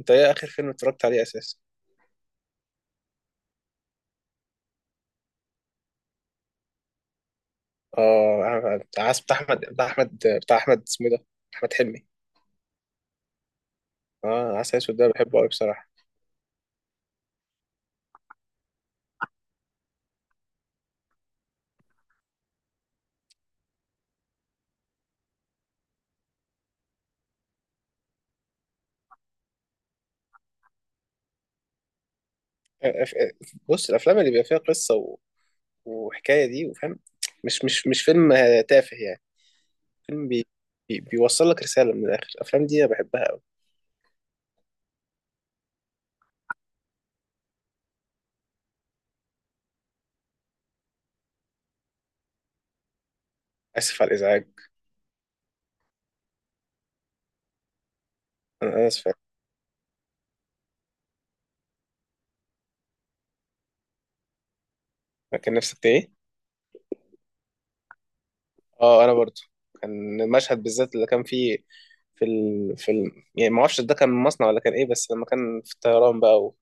انت ايه اخر فيلم اتفرجت عليه اساسا؟ اه، بتاع احمد. بتاع احمد اسمه إيه ده؟ احمد حلمي. اه، عسل اسود ده بحبه قوي بصراحه. بص، الافلام اللي بيبقى فيها قصه وحكايه دي وفاهم، مش فيلم تافه يعني. فيلم بيوصل لك رساله من الاخر. الافلام دي انا بحبها قوي. اسف على الازعاج. انا اسف. كان نفسك ايه؟ اه، انا برضو كان المشهد بالذات اللي كان فيه، يعني ما اعرفش ده كان مصنع ولا كان ايه، بس لما كان في الطيران بقى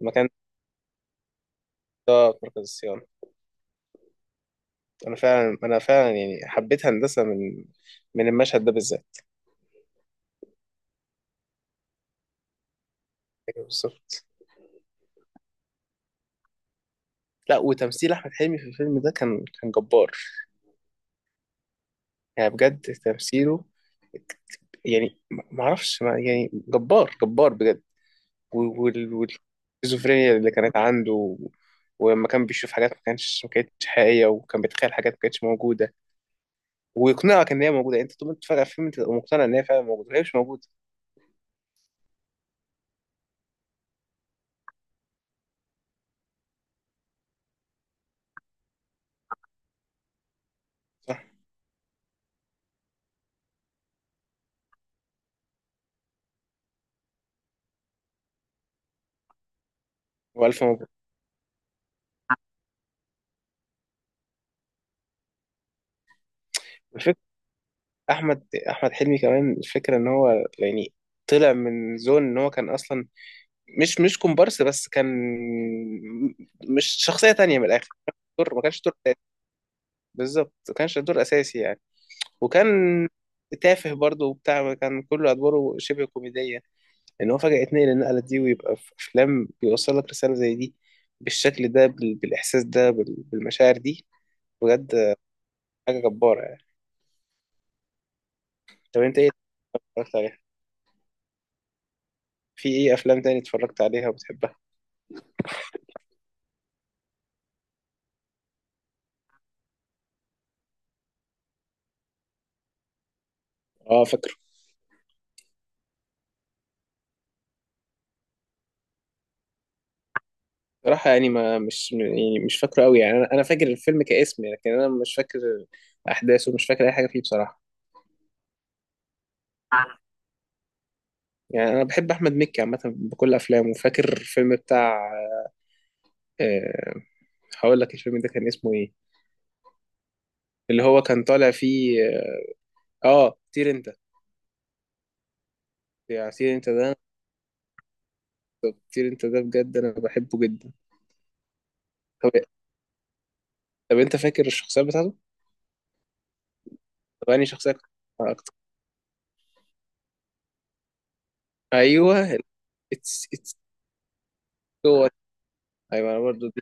المكان، اه، مركز الصيانة. أنا فعلا يعني حبيت هندسة من المشهد ده بالذات. أيوة بالظبط. لا، وتمثيل أحمد حلمي في الفيلم ده كان جبار. يعني بجد تمثيله، يعني ما ما اعرفش ما يعني جبار جبار بجد. والسكيزوفرينيا اللي كانت عنده، ولما كان بيشوف حاجات ما كانتش حقيقيه، وكان بيتخيل حاجات ما كانتش موجوده ويقنعك ان هي موجوده. يعني انت طول ما انت فاكر الفيلم انت تبقى مقتنع ان هي فعلا موجوده، وهي مش موجوده. صح، والف مبروك. احمد احمد حلمي كمان، الفكره ان هو يعني طلع من زون، ان هو كان اصلا مش كومبارس، بس كان مش شخصيه تانية من الاخر. دور ما كانش دور أساسي، بالظبط، ما كانش دور اساسي يعني. وكان تافه برضه وبتاع، كان كل ادواره شبه كوميديه، ان هو فجاه يتنقل النقله دي ويبقى في افلام بيوصل لك رساله زي دي، بالشكل ده، بالاحساس ده، بالمشاعر دي. بجد حاجه جباره يعني. طب انت ايه اتفرجت عليها؟ في ايه افلام تاني اتفرجت عليها وبتحبها؟ اه فاكر. صراحة يعني ما مش يعني مش فاكره قوي يعني، انا فاكر الفيلم كاسم يعني، لكن انا مش فاكر احداثه، مش فاكر اي حاجة فيه بصراحة. يعني انا بحب احمد مكي عامة بكل افلامه، وفاكر الفيلم بتاع، أه، هقول لك الفيلم ده كان اسمه ايه، اللي هو كان طالع فيه. طير انت. يعني طير انت ده، طير انت ده بجد انا بحبه جدا. طب طب انت فاكر الشخصيات بتاعته؟ طب انهي شخصية كنت بتحبها اكتر؟ ايوه. اتس هو. ايوه انا برضه.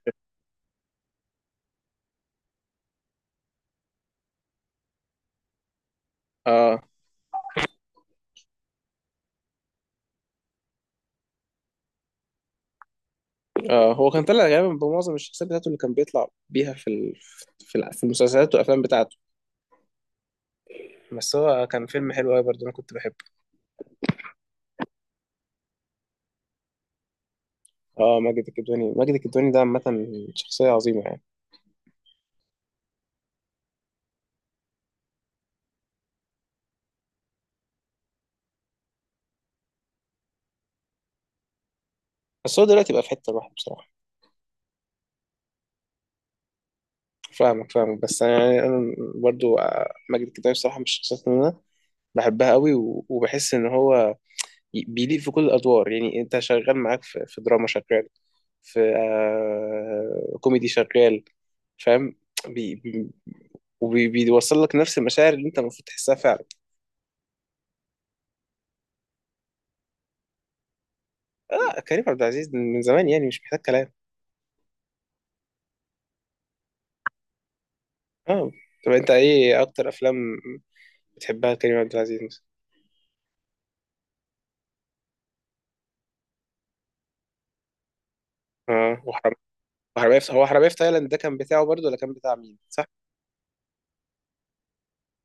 اه. آه، هو كان طلع غالبا بمعظم الشخصيات بتاعته اللي كان بيطلع بيها في المسلسلات والافلام بتاعته. بس هو كان فيلم حلو قوي برضه، انا كنت بحبه. اه، ماجد الكدواني، ماجد الكدواني ده عامه شخصيه عظيمه يعني. بس هو دلوقتي بقى في حته لوحده بصراحه. فاهمك فاهمك، بس انا يعني، انا برضه، ماجد الكدواني بصراحه من الشخصيات اللي انا بحبها قوي، وبحس ان هو بيليق في كل الادوار. يعني انت شغال، معاك في دراما شغال، في كوميدي شغال، فاهم، بي بي- بيوصل لك نفس المشاعر اللي انت المفروض تحسها فعلا. اه، كريم عبد العزيز من زمان يعني مش محتاج كلام. اه. طب انت ايه اكتر افلام بتحبها كريم عبد العزيز مثلا؟ اه، وحرام، وحرامية في، هو حرامية في تايلاند ده كان بتاعه برضه ولا كان بتاع مين؟ صح.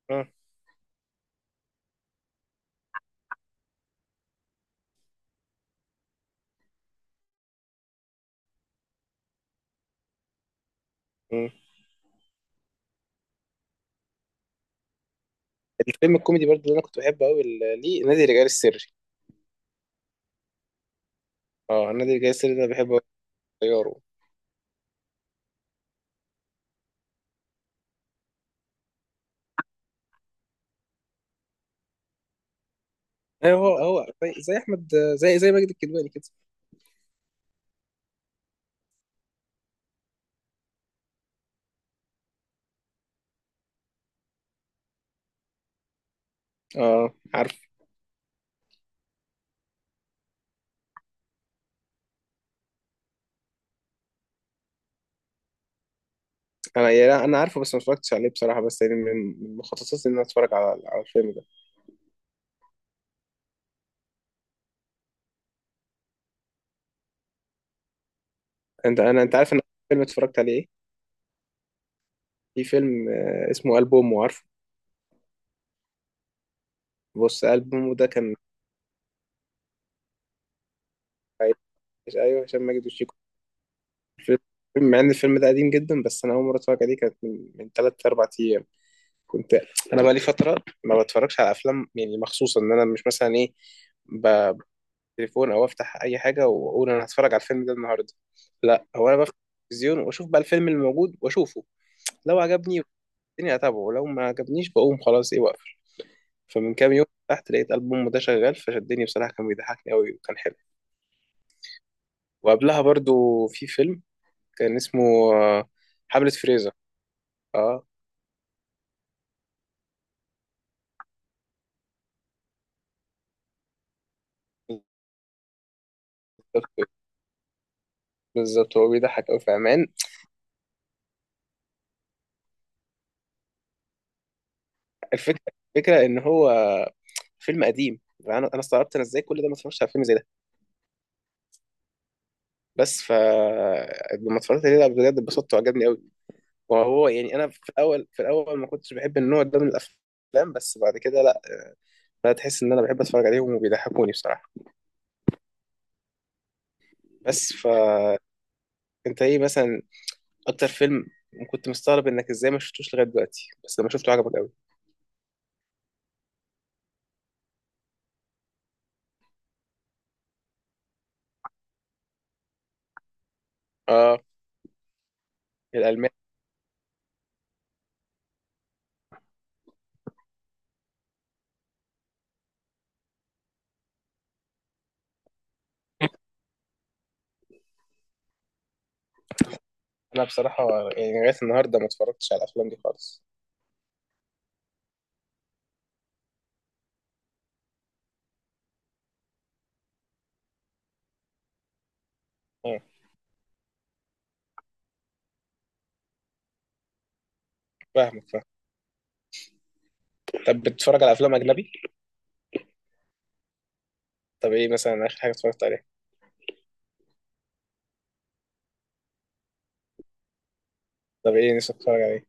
اه. مم. الفيلم الكوميدي برضه اللي انا كنت بحبه قوي، ليه؟ نادي الرجال السري. اه، نادي الرجال السري ده بحبه قوي. طياره. ايوه، هو زي احمد، زي ماجد الكدواني كده. اه عارف. انا يعني، انا عارفه، بس ما اتفرجتش عليه بصراحه، بس يعني من، من مخططاتي ان انا اتفرج على الفيلم ده. انت عارف ان أول فيلم اتفرجت عليه ايه؟ في فيلم، آه، اسمه البومه، عارفه؟ بص، البومه ده كان، ايوه، هشام ماجد وشيكو. الفيلم، مع ان الفيلم ده قديم جدا، بس انا اول مره اتفرج عليه كانت من 3 4 ايام. كنت، انا بقى لي فتره ما بتفرجش على افلام، يعني مخصوص ان انا مش مثلا ايه، ب- بالتليفون او افتح اي حاجه واقول انا هتفرج على الفيلم ده النهارده. لا، هو انا بفتح التلفزيون واشوف بقى الفيلم اللي موجود واشوفه، لو عجبني الدنيا اتابعه، ولو ما عجبنيش بقوم خلاص ايه واقفل. فمن كام يوم تحت لقيت ألبوم ده شغال فشدني بصراحة، كان بيضحكني قوي وكان حلو. وقبلها برضو في فيلم كان اسمه، آه، حملة فريزر. اه بالظبط. بالظبط، هو بيضحك قوي في عمان. الفكرة الفكرة ان هو فيلم قديم، انا استغربت انا ازاي كل ده ما اتفرجتش على فيلم زي ده. بس ف لما اتفرجت عليه، لا، بجد اتبسطت وعجبني قوي. وهو يعني انا في الاول ما كنتش بحب النوع ده من الافلام، بس بعد كده لا، لا، تحس ان انا بحب اتفرج عليهم وبيضحكوني بصراحه. بس فانت ايه مثلا اكتر فيلم كنت مستغرب انك ازاي ما شفتوش لغايه دلوقتي، بس لما شفته عجبك قوي؟ اه، الالمان. انا بصراحه يعني لغايه النهارده ما اتفرجتش على الافلام دي خالص. اه فاهمك فاهم. طب بتتفرج على افلام اجنبي؟ طب ايه مثلا اخر حاجه اتفرجت عليها؟ طب ايه نفسك تتفرج عليه؟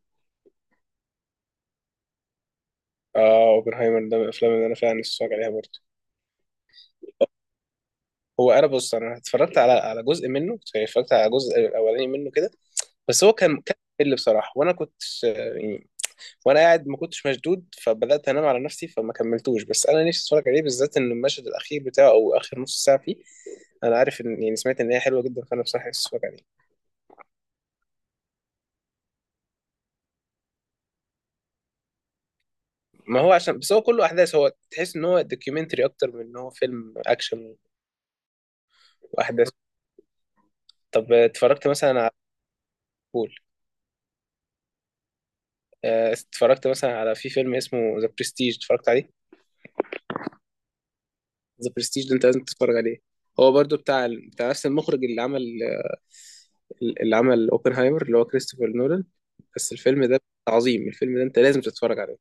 اه، اوبنهايمر ده من الافلام اللي انا فعلا نفسي اتفرج عليها برضه. هو انا بص، انا اتفرجت على جزء منه، اتفرجت على الجزء الاولاني منه كده، بس هو كان اللي بصراحه، وانا كنت، آه، وانا قاعد ما كنتش مشدود فبدات انام على نفسي فما كملتوش. بس انا نفسي اتفرج عليه بالذات ان المشهد الاخير بتاعه او اخر نص ساعه فيه، انا عارف ان يعني سمعت ان هي حلوه جدا، فانا بصراحه نفسي اتفرج عليه. ما هو عشان بس هو كله احداث، هو تحس ان هو دوكيومنتري اكتر من ان هو فيلم اكشن واحداث. طب اتفرجت مثلا على، بول، اتفرجت مثلا على، في فيلم اسمه ذا برستيج، اتفرجت عليه؟ ذا برستيج ده انت لازم تتفرج عليه. هو برضو بتاع نفس المخرج اللي عمل، اللي عمل اوبنهايمر، اللي هو كريستوفر نولان. بس الفيلم ده عظيم، الفيلم ده انت لازم تتفرج عليه.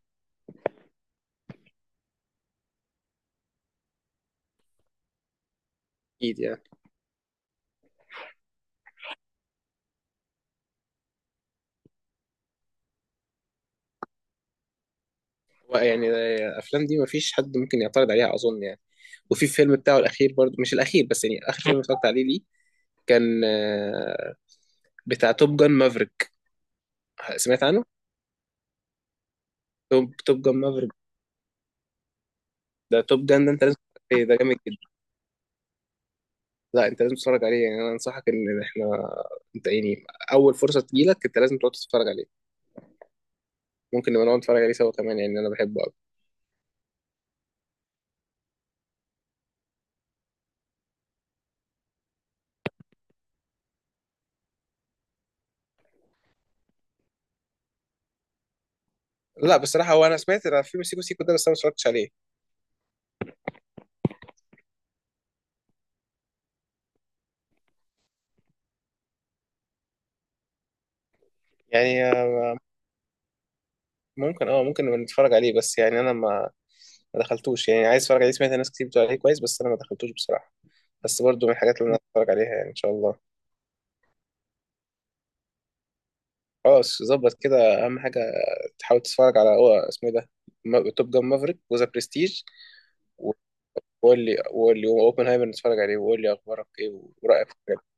اكيد يعني. هو يعني الافلام دي مفيش حد ممكن يعترض عليها اظن يعني. وفي الفيلم بتاعه الاخير برضو، مش الاخير، بس يعني اخر فيلم اتفرجت عليه ليه، كان، بتاع توب جان مافريك. سمعت عنه؟ توب جان مافريك ده، توب جان ده انت لازم تتفرج عليه، ده جامد جدا. لا انت لازم تتفرج عليه، يعني انا انصحك ان احنا، انت يعني اول فرصه تجيلك انت لازم تقعد تتفرج عليه. ممكن نبقى نقعد نتفرج عليه سوا كمان، يعني انا بحبه قوي. لا بصراحه، هو انا سمعت عن فيلم سيكو سيكو ده، بس انا ما اتفرجتش عليه. يعني ممكن، ممكن نبقى نتفرج عليه، بس يعني انا ما، ما دخلتوش. يعني عايز اتفرج عليه، سمعت ناس كتير بتقول عليه كويس، بس انا ما دخلتوش بصراحه. بس برضو من الحاجات اللي انا هتفرج عليها يعني ان شاء الله. خلاص ظبط كده. اهم حاجه تحاول تتفرج على، هو اسمه إيه ده، توب جان مافريك وذا برستيج. وقول لي اوبنهايمر نتفرج عليه، وقول لي اخبارك ايه ورأيك في الحاجات.